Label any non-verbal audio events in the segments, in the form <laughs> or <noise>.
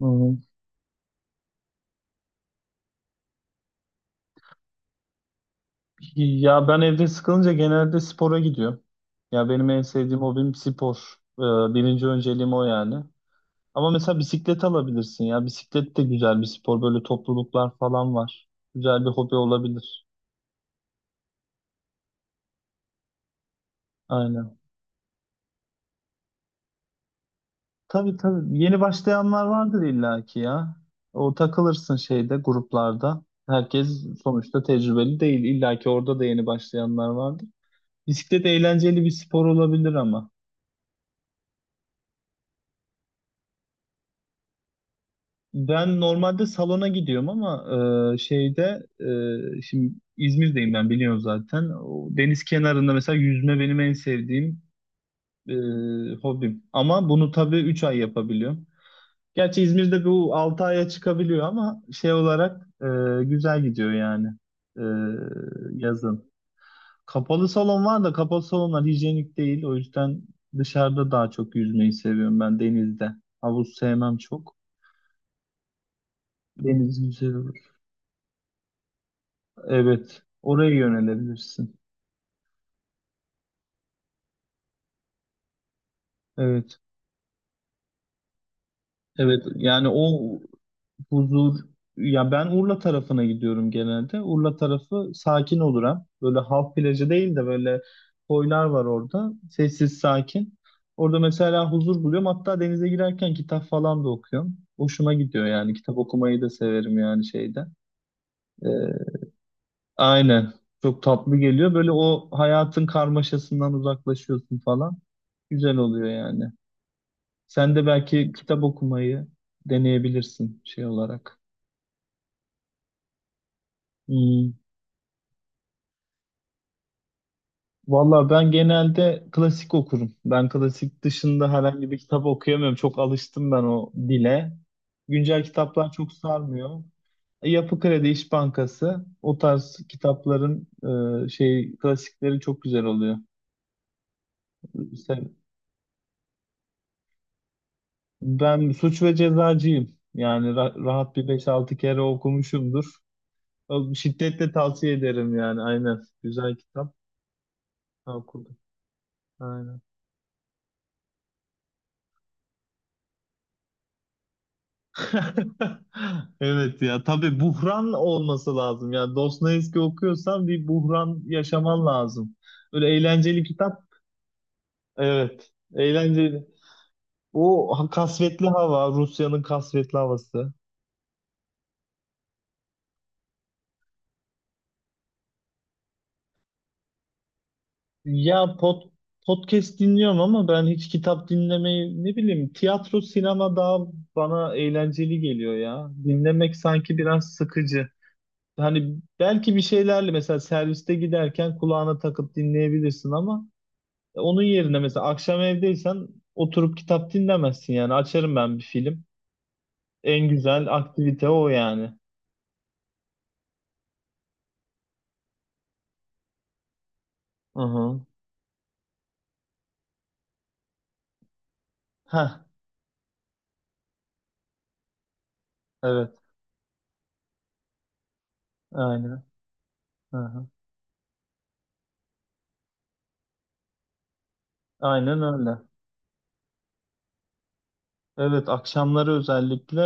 Hı. Ya ben evde sıkılınca genelde spora gidiyorum. Ya benim en sevdiğim hobim spor. Ee, Birinci önceliğim o yani. Ama mesela bisiklet alabilirsin ya. Bisiklet de güzel bir spor. Böyle topluluklar falan var. Güzel bir hobi olabilir. Aynen. Tabii tabii. Yeni başlayanlar vardır illaki ya. O takılırsın şeyde gruplarda. Herkes sonuçta tecrübeli değil. İllaki orada da yeni başlayanlar vardır. Bisiklet eğlenceli bir spor olabilir ama. Ben normalde salona gidiyorum ama şeyde şimdi İzmir'deyim ben biliyorum zaten. O deniz kenarında mesela yüzme benim en sevdiğim e, hobim. Ama bunu tabii 3 ay yapabiliyorum. Gerçi İzmir'de bu 6 aya çıkabiliyor ama şey olarak güzel gidiyor yani e, yazın. Kapalı salon var da kapalı salonlar hijyenik değil. O yüzden dışarıda daha çok yüzmeyi seviyorum ben denizde. Havuz sevmem çok. Deniz güzel. Evet, oraya yönelebilirsin. Evet, evet. Yani o huzur, ya ben Urla tarafına gidiyorum genelde. Urla tarafı sakin olur hem. Böyle halk plajı değil de böyle koylar var orada. Sessiz, sakin. Orada mesela huzur buluyorum. Hatta denize girerken kitap falan da okuyorum. Hoşuma gidiyor yani. Kitap okumayı da severim yani şeyde. Ee, aynen. Çok tatlı geliyor. Böyle o hayatın karmaşasından uzaklaşıyorsun falan. Güzel oluyor yani. Sen de belki kitap okumayı deneyebilirsin şey olarak. Hmm. Valla ben genelde klasik okurum. Ben klasik dışında herhangi bir kitap okuyamıyorum. Çok alıştım ben o dile. Güncel kitaplar çok sarmıyor. Yapı Kredi, İş Bankası o tarz kitapların şey klasikleri çok güzel oluyor. İşte ben Suç ve Cezacıyım. Yani rahat bir beş altı kere okumuşumdur. Şiddetle tavsiye ederim yani aynen. Güzel kitap. Ha, okudum. Aynen. <laughs> Evet ya tabii buhran olması lazım. Yani Dostoyevski okuyorsan bir buhran yaşaman lazım. Öyle eğlenceli kitap. Evet. Eğlenceli. O kasvetli hava, Rusya'nın kasvetli havası. Ya podcast dinliyorum ama ben hiç kitap dinlemeyi ne bileyim tiyatro, sinema daha bana eğlenceli geliyor ya. Dinlemek sanki biraz sıkıcı. Hani belki bir şeylerle mesela serviste giderken kulağına takıp dinleyebilirsin ama onun yerine mesela akşam evdeysen oturup kitap dinlemezsin yani. Açarım ben bir film. En güzel aktivite o yani. Hı hı. Heh, evet. Aynen. Hı hı. Aynen öyle. Evet, akşamları özellikle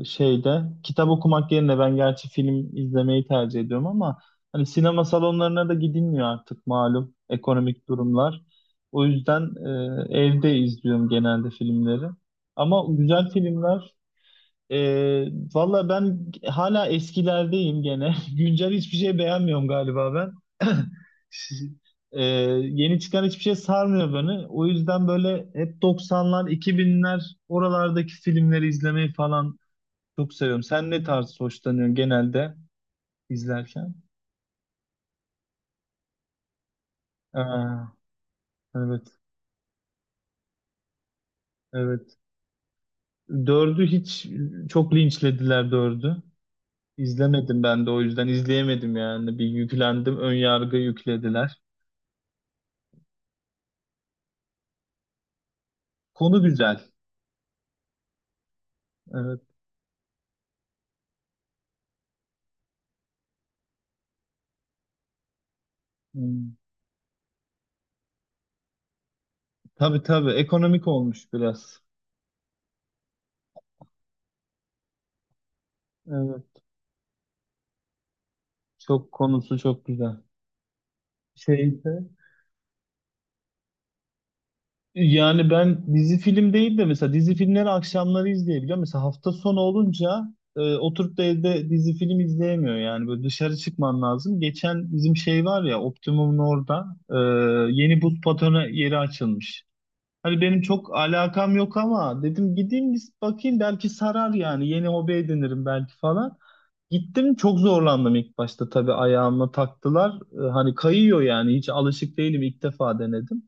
şeyde kitap okumak yerine ben gerçi film izlemeyi tercih ediyorum ama hani sinema salonlarına da gidilmiyor artık malum ekonomik durumlar. O yüzden evde izliyorum genelde filmleri. Ama güzel filmler ee, valla ben hala eskilerdeyim gene. <laughs> Güncel hiçbir şey beğenmiyorum galiba ben. <clears throat> Ee, Yeni çıkan hiçbir şey sarmıyor beni. O yüzden böyle hep 90'lar, 2000'ler oralardaki filmleri izlemeyi falan çok seviyorum. Sen ne tarz hoşlanıyorsun genelde izlerken? Aa, evet, evet. Dördü hiç çok linçlediler dördü. İzlemedim ben de o yüzden izleyemedim yani. Bir yüklendim, ön yargı yüklediler. Konu güzel. Evet. Hmm. Tabii tabii. Ekonomik olmuş biraz. Evet. Çok konusu çok güzel. Şeyde. Yani ben dizi film değil de mesela dizi filmleri akşamları izleyebiliyorum. Mesela hafta sonu olunca oturup da evde dizi film izleyemiyor yani. Böyle dışarı çıkman lazım. Geçen bizim şey var ya Optimum'un orada yeni buz patonu yeri açılmış. Hani benim çok alakam yok ama dedim gideyim bir bakayım belki sarar yani. Yeni hobi edinirim belki falan. Gittim çok zorlandım ilk başta tabii ayağıma taktılar. Hani kayıyor yani hiç alışık değilim ilk defa denedim.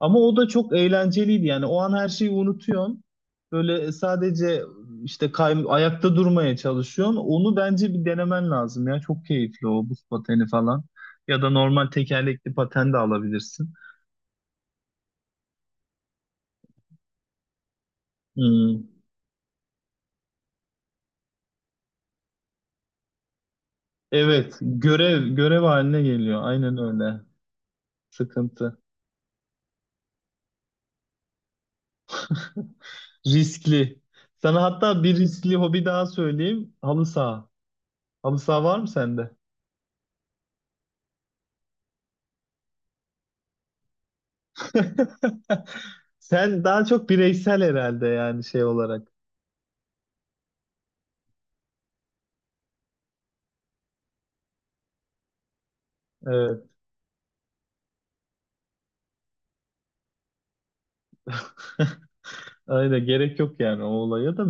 Ama o da çok eğlenceliydi yani o an her şeyi unutuyorsun. Böyle sadece işte ayakta durmaya çalışıyorsun. Onu bence bir denemen lazım ya çok keyifli o buz pateni falan. Ya da normal tekerlekli paten de alabilirsin. Hmm. Evet görev haline geliyor aynen öyle sıkıntı. Riskli. Sana hatta bir riskli hobi daha söyleyeyim. Halı saha. Halı saha var mı sende? <laughs> Sen daha çok bireysel herhalde yani şey olarak. Evet. <laughs> Aynen gerek yok yani o olaya da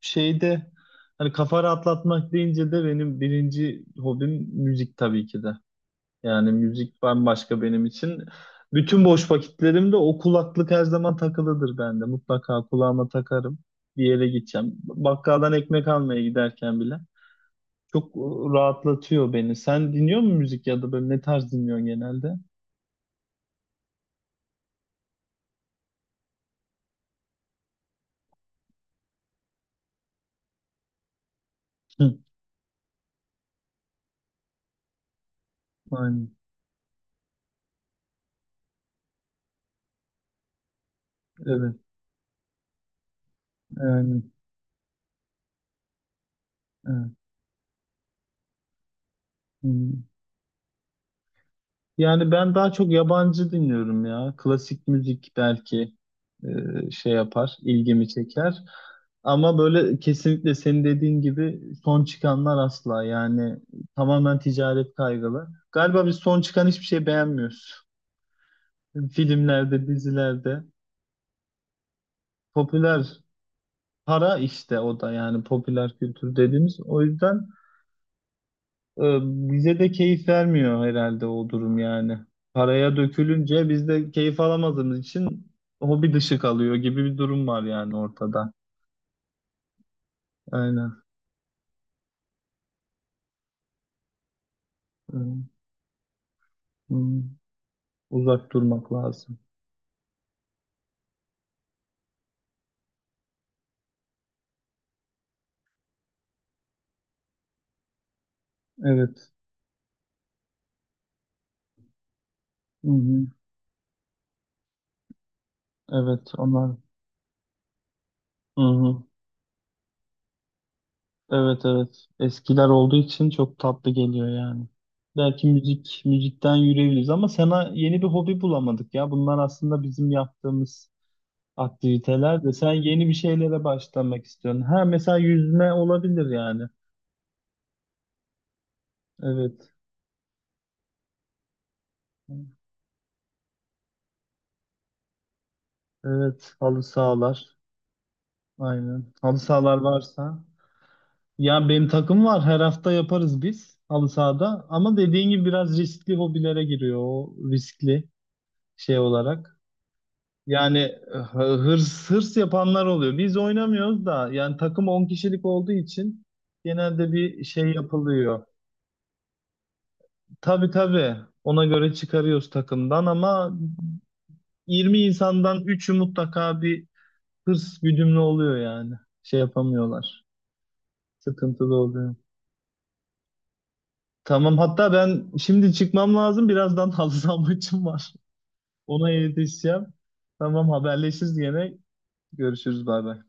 şeyde hani kafa rahatlatmak deyince de benim birinci hobim müzik tabii ki de. Yani müzik bambaşka benim için. Bütün boş vakitlerimde o kulaklık her zaman takılıdır bende. Mutlaka kulağıma takarım. Bir yere gideceğim. Bakkaldan ekmek almaya giderken bile. Çok rahatlatıyor beni. Sen dinliyor musun müzik ya da böyle ne tarz dinliyorsun genelde? Hı, aynen. Evet. Yani, evet. Hı. Yani ben daha çok yabancı dinliyorum ya. Klasik müzik belki. Şey yapar, ilgimi çeker. Ama böyle kesinlikle senin dediğin gibi son çıkanlar asla yani tamamen ticaret kaygılı. Galiba biz son çıkan hiçbir şey beğenmiyoruz. Filmlerde, dizilerde. Popüler para işte o da yani popüler kültür dediğimiz. O yüzden bize de keyif vermiyor herhalde o durum yani. Paraya dökülünce biz de keyif alamadığımız için hobi dışı kalıyor gibi bir durum var yani ortada. Aynen. Hmm. Hmm. Uzak durmak lazım. Evet. Hı hı. Evet onlar. Hı hı. Evet evet. Eskiler olduğu için çok tatlı geliyor yani. Belki müzik müzikten yürüyebiliriz ama sana yeni bir hobi bulamadık ya. Bunlar aslında bizim yaptığımız aktiviteler de sen yeni bir şeylere başlamak istiyorsun. Ha mesela yüzme olabilir yani. Evet. Evet. Halı sahalar. Aynen. Halı sahalar varsa. Ya benim takım var. Her hafta yaparız biz halı sahada. Ama dediğin gibi biraz riskli hobilere giriyor o riskli şey olarak. Yani hırs hırs yapanlar oluyor. Biz oynamıyoruz da yani takım 10 kişilik olduğu için genelde bir şey yapılıyor. Tabii tabii ona göre çıkarıyoruz takımdan ama 20 insandan 3'ü mutlaka bir hırs güdümlü oluyor yani. Şey yapamıyorlar. Sıkıntılı oluyor. Tamam hatta ben şimdi çıkmam lazım. Birazdan <laughs> halı saha maçım var. Ona yetişeceğim. Tamam haberleşiriz gene. Görüşürüz bay bay.